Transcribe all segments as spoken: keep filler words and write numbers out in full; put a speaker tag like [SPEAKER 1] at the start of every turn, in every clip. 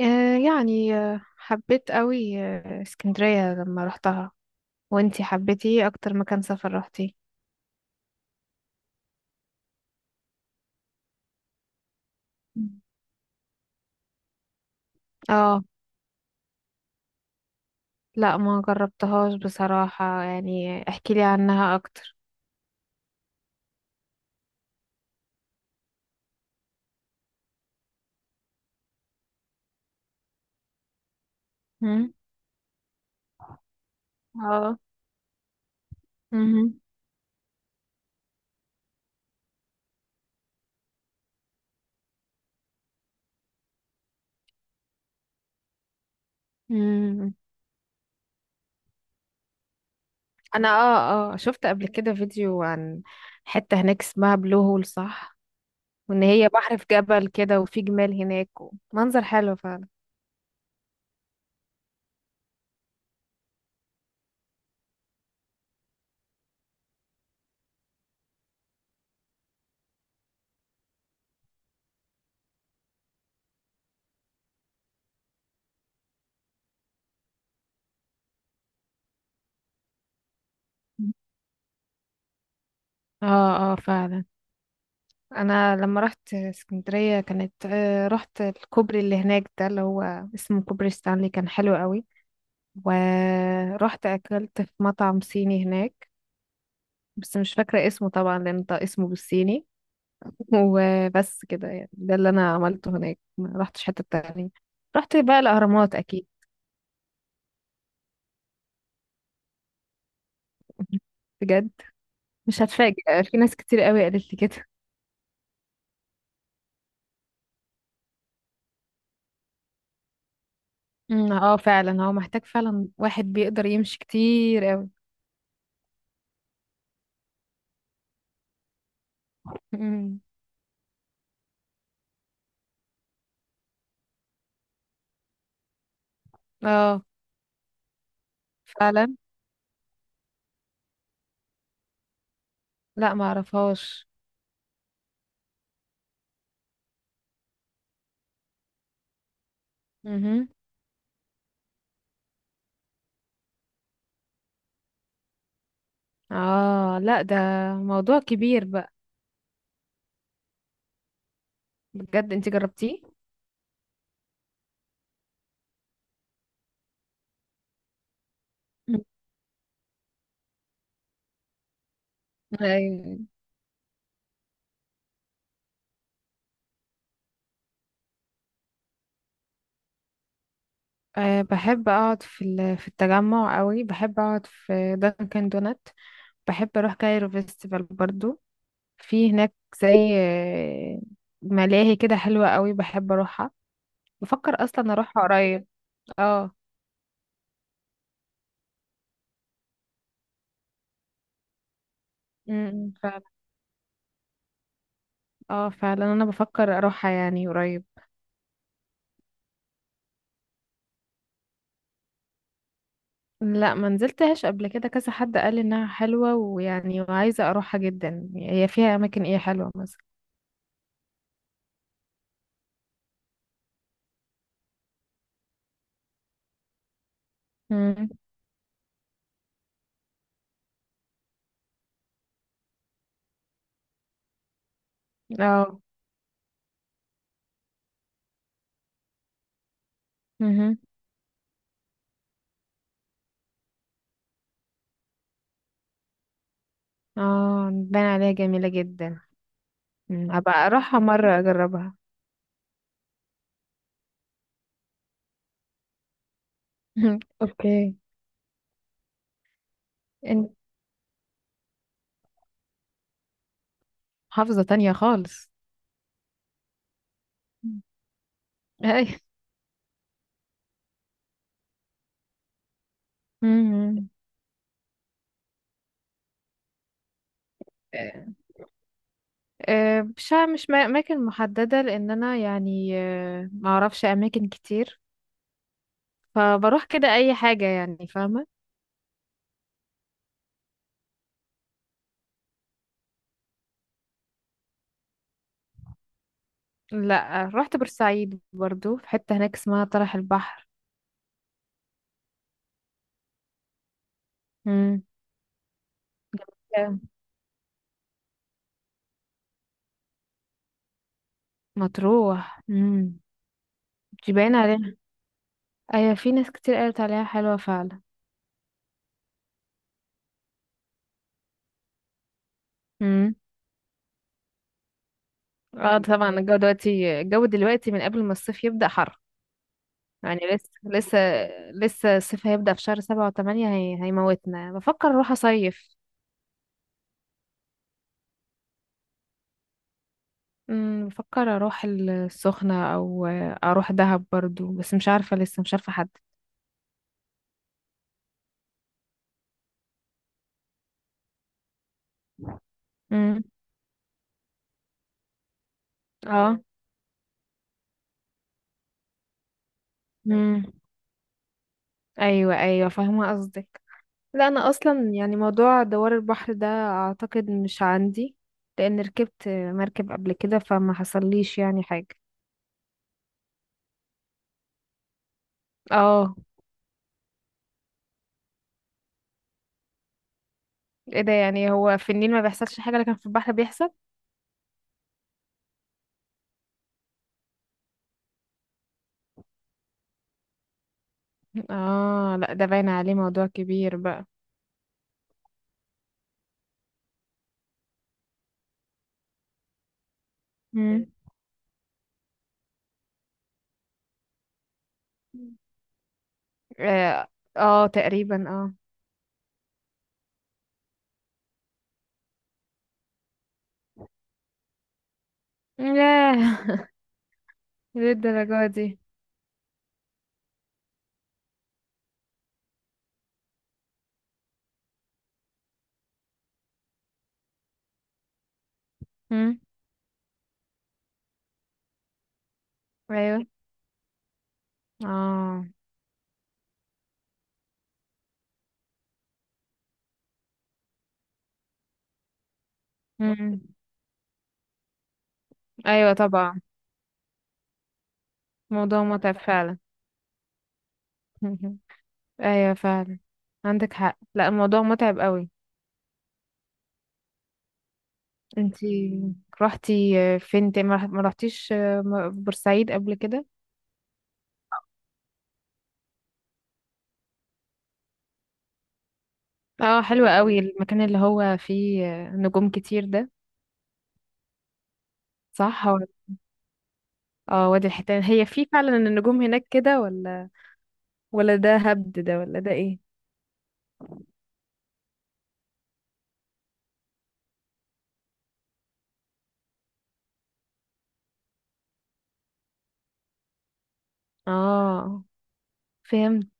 [SPEAKER 1] آه، يعني آه، حبيت قوي آه، اسكندرية لما روحتها. وانتي حبيتي ايه اكتر مكان سفر روحتي؟ مم. اه، لا ما جربتهاش بصراحة. يعني احكيلي عنها اكتر. مم. اه. مهم. مم. انا اه اه شفت قبل كده فيديو عن حتة هناك اسمها بلو هول، صح؟ وان هي بحر في جبل كده، وفي جمال هناك. منظر حلو فعلا. اه، اه، فعلا. انا لما رحت اسكندريه كانت آه، رحت الكوبري اللي هناك ده اللي هو اسمه كوبري ستانلي. كان حلو قوي. ورحت اكلت في مطعم صيني هناك. بس مش فاكره اسمه طبعا لان ده اسمه بالصيني. وبس كده، يعني ده اللي انا عملته هناك. ما رحتش حته تانية. رحت بقى الاهرامات اكيد. بجد. مش هتفاجئ، في ناس كتير قوي قالت لي كده. أمم، اه، فعلا هو محتاج فعلا. واحد بيقدر يمشي كتير قوي. أمم، اه فعلا. لا ما اعرفهاش. مهم. اه، لا ده موضوع كبير بقى. بجد انت جربتيه؟ مم. أيوة. أه، بحب اقعد في ال- في التجمع قوي. بحب اقعد في دانكن دونات. بحب اروح كايرو فيستيفال برضو، في هناك زي آه، ملاهي كده حلوة قوي. بحب اروحها. بفكر اصلا اروحها قريب. اه. امم فعلا. اه، فعلا انا بفكر اروحها يعني قريب. لا ما نزلتهاش قبل كده، كذا حد قال لي انها حلوة، ويعني وعايزة اروحها جدا. هي فيها اماكن ايه حلوة مثلا؟ امم. اه. امم. اه، باين عليها جميلة جدا. مم. ابقى اروحها مرة اجربها. مم. اوكي. انت؟ محافظة تانية خالص. مم. اي. امم. آه، مش ع- مش ما- اماكن محدده لان انا يعني آه، ما اعرفش اماكن كتير. فبروح كده اي حاجه يعني فاهمه. لا رحت بورسعيد برضو، في حتة هناك اسمها طرح البحر. امم. جميلة. مطروح. امم. مش باين عليها. ايوه في ناس كتير قالت عليها حلوة فعلا. امم. اه، طبعا. الجو دلوقتي الجو دلوقتي من قبل ما الصيف يبدأ حر. يعني لسه، لسه. لسه الصيف هيبدأ في شهر سبعة وثمانية. هي... هيموتنا. بفكر اروح اصيف. امم بفكر اروح السخنة. او اروح دهب برضو، بس مش عارفة، لسه مش عارفة حد. امم. اه. امم. ايوه، ايوه، فاهمه قصدك. لا انا اصلا يعني موضوع دوار البحر ده اعتقد مش عندي. لان ركبت مركب قبل كده، فما حصليش يعني حاجه. اه. ايه ده؟ يعني هو في النيل ما بيحصلش حاجه لكن في البحر بيحصل. اه، لا ده باين عليه موضوع كبير بقى. امم. اه. آه، تقريبا. اه. ياه. للدرجه دي؟ امم. ايوه. اه. امم. ايوه طبعا. موضوع متعب فعلا. ايوه فعلا. عندك حق. لا الموضوع متعب قوي. انتي رحتي فين تاني؟ ما رح- ما رحتيش بورسعيد قبل كده؟ اه، حلو قوي المكان اللي هو فيه نجوم كتير ده. صح هو. اه وادي الحيتان، هي فيه فعلا النجوم هناك كده، ولا؟ ولا ده هبد ده، ولا ده ايه؟ اه. فهمت.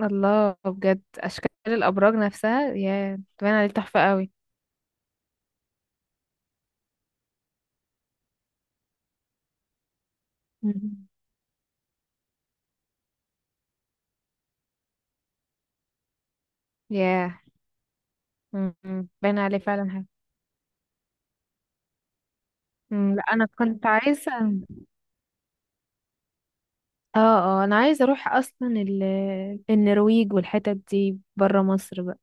[SPEAKER 1] الله، بجد اشكال الابراج نفسها، يا باين عليه تحفة قوي. مم. يا. مم. باين عليه فعلا حاجة. مم، لا انا كنت عايزة. اه. اه انا عايزه اروح اصلا ال- النرويج والحتت دي بره مصر بقى.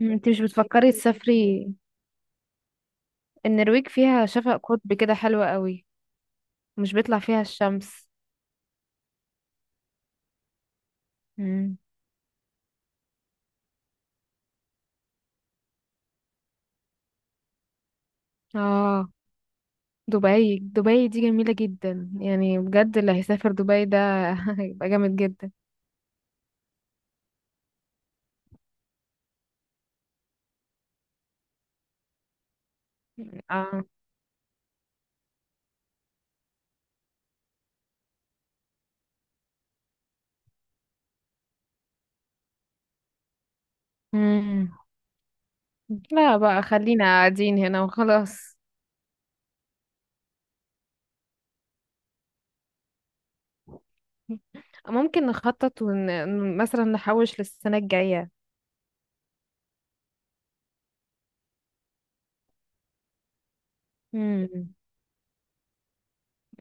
[SPEAKER 1] م، انت مش بتفكري تسافري؟ النرويج فيها شفق قطب كده حلوة قوي. مش بيطلع فيها الشمس. مم. اه. دبي، دبي دي جميلة جدا، يعني بجد اللي هيسافر دبي ده هيبقى جامد جدا. اه. مم. لا بقى خلينا قاعدين هنا وخلاص. ممكن نخطط ون... مثلا نحوش للسنة الجاية. مم.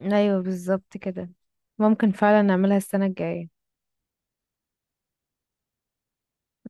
[SPEAKER 1] ايوه بالظبط كده. ممكن فعلا نعملها السنة الجاية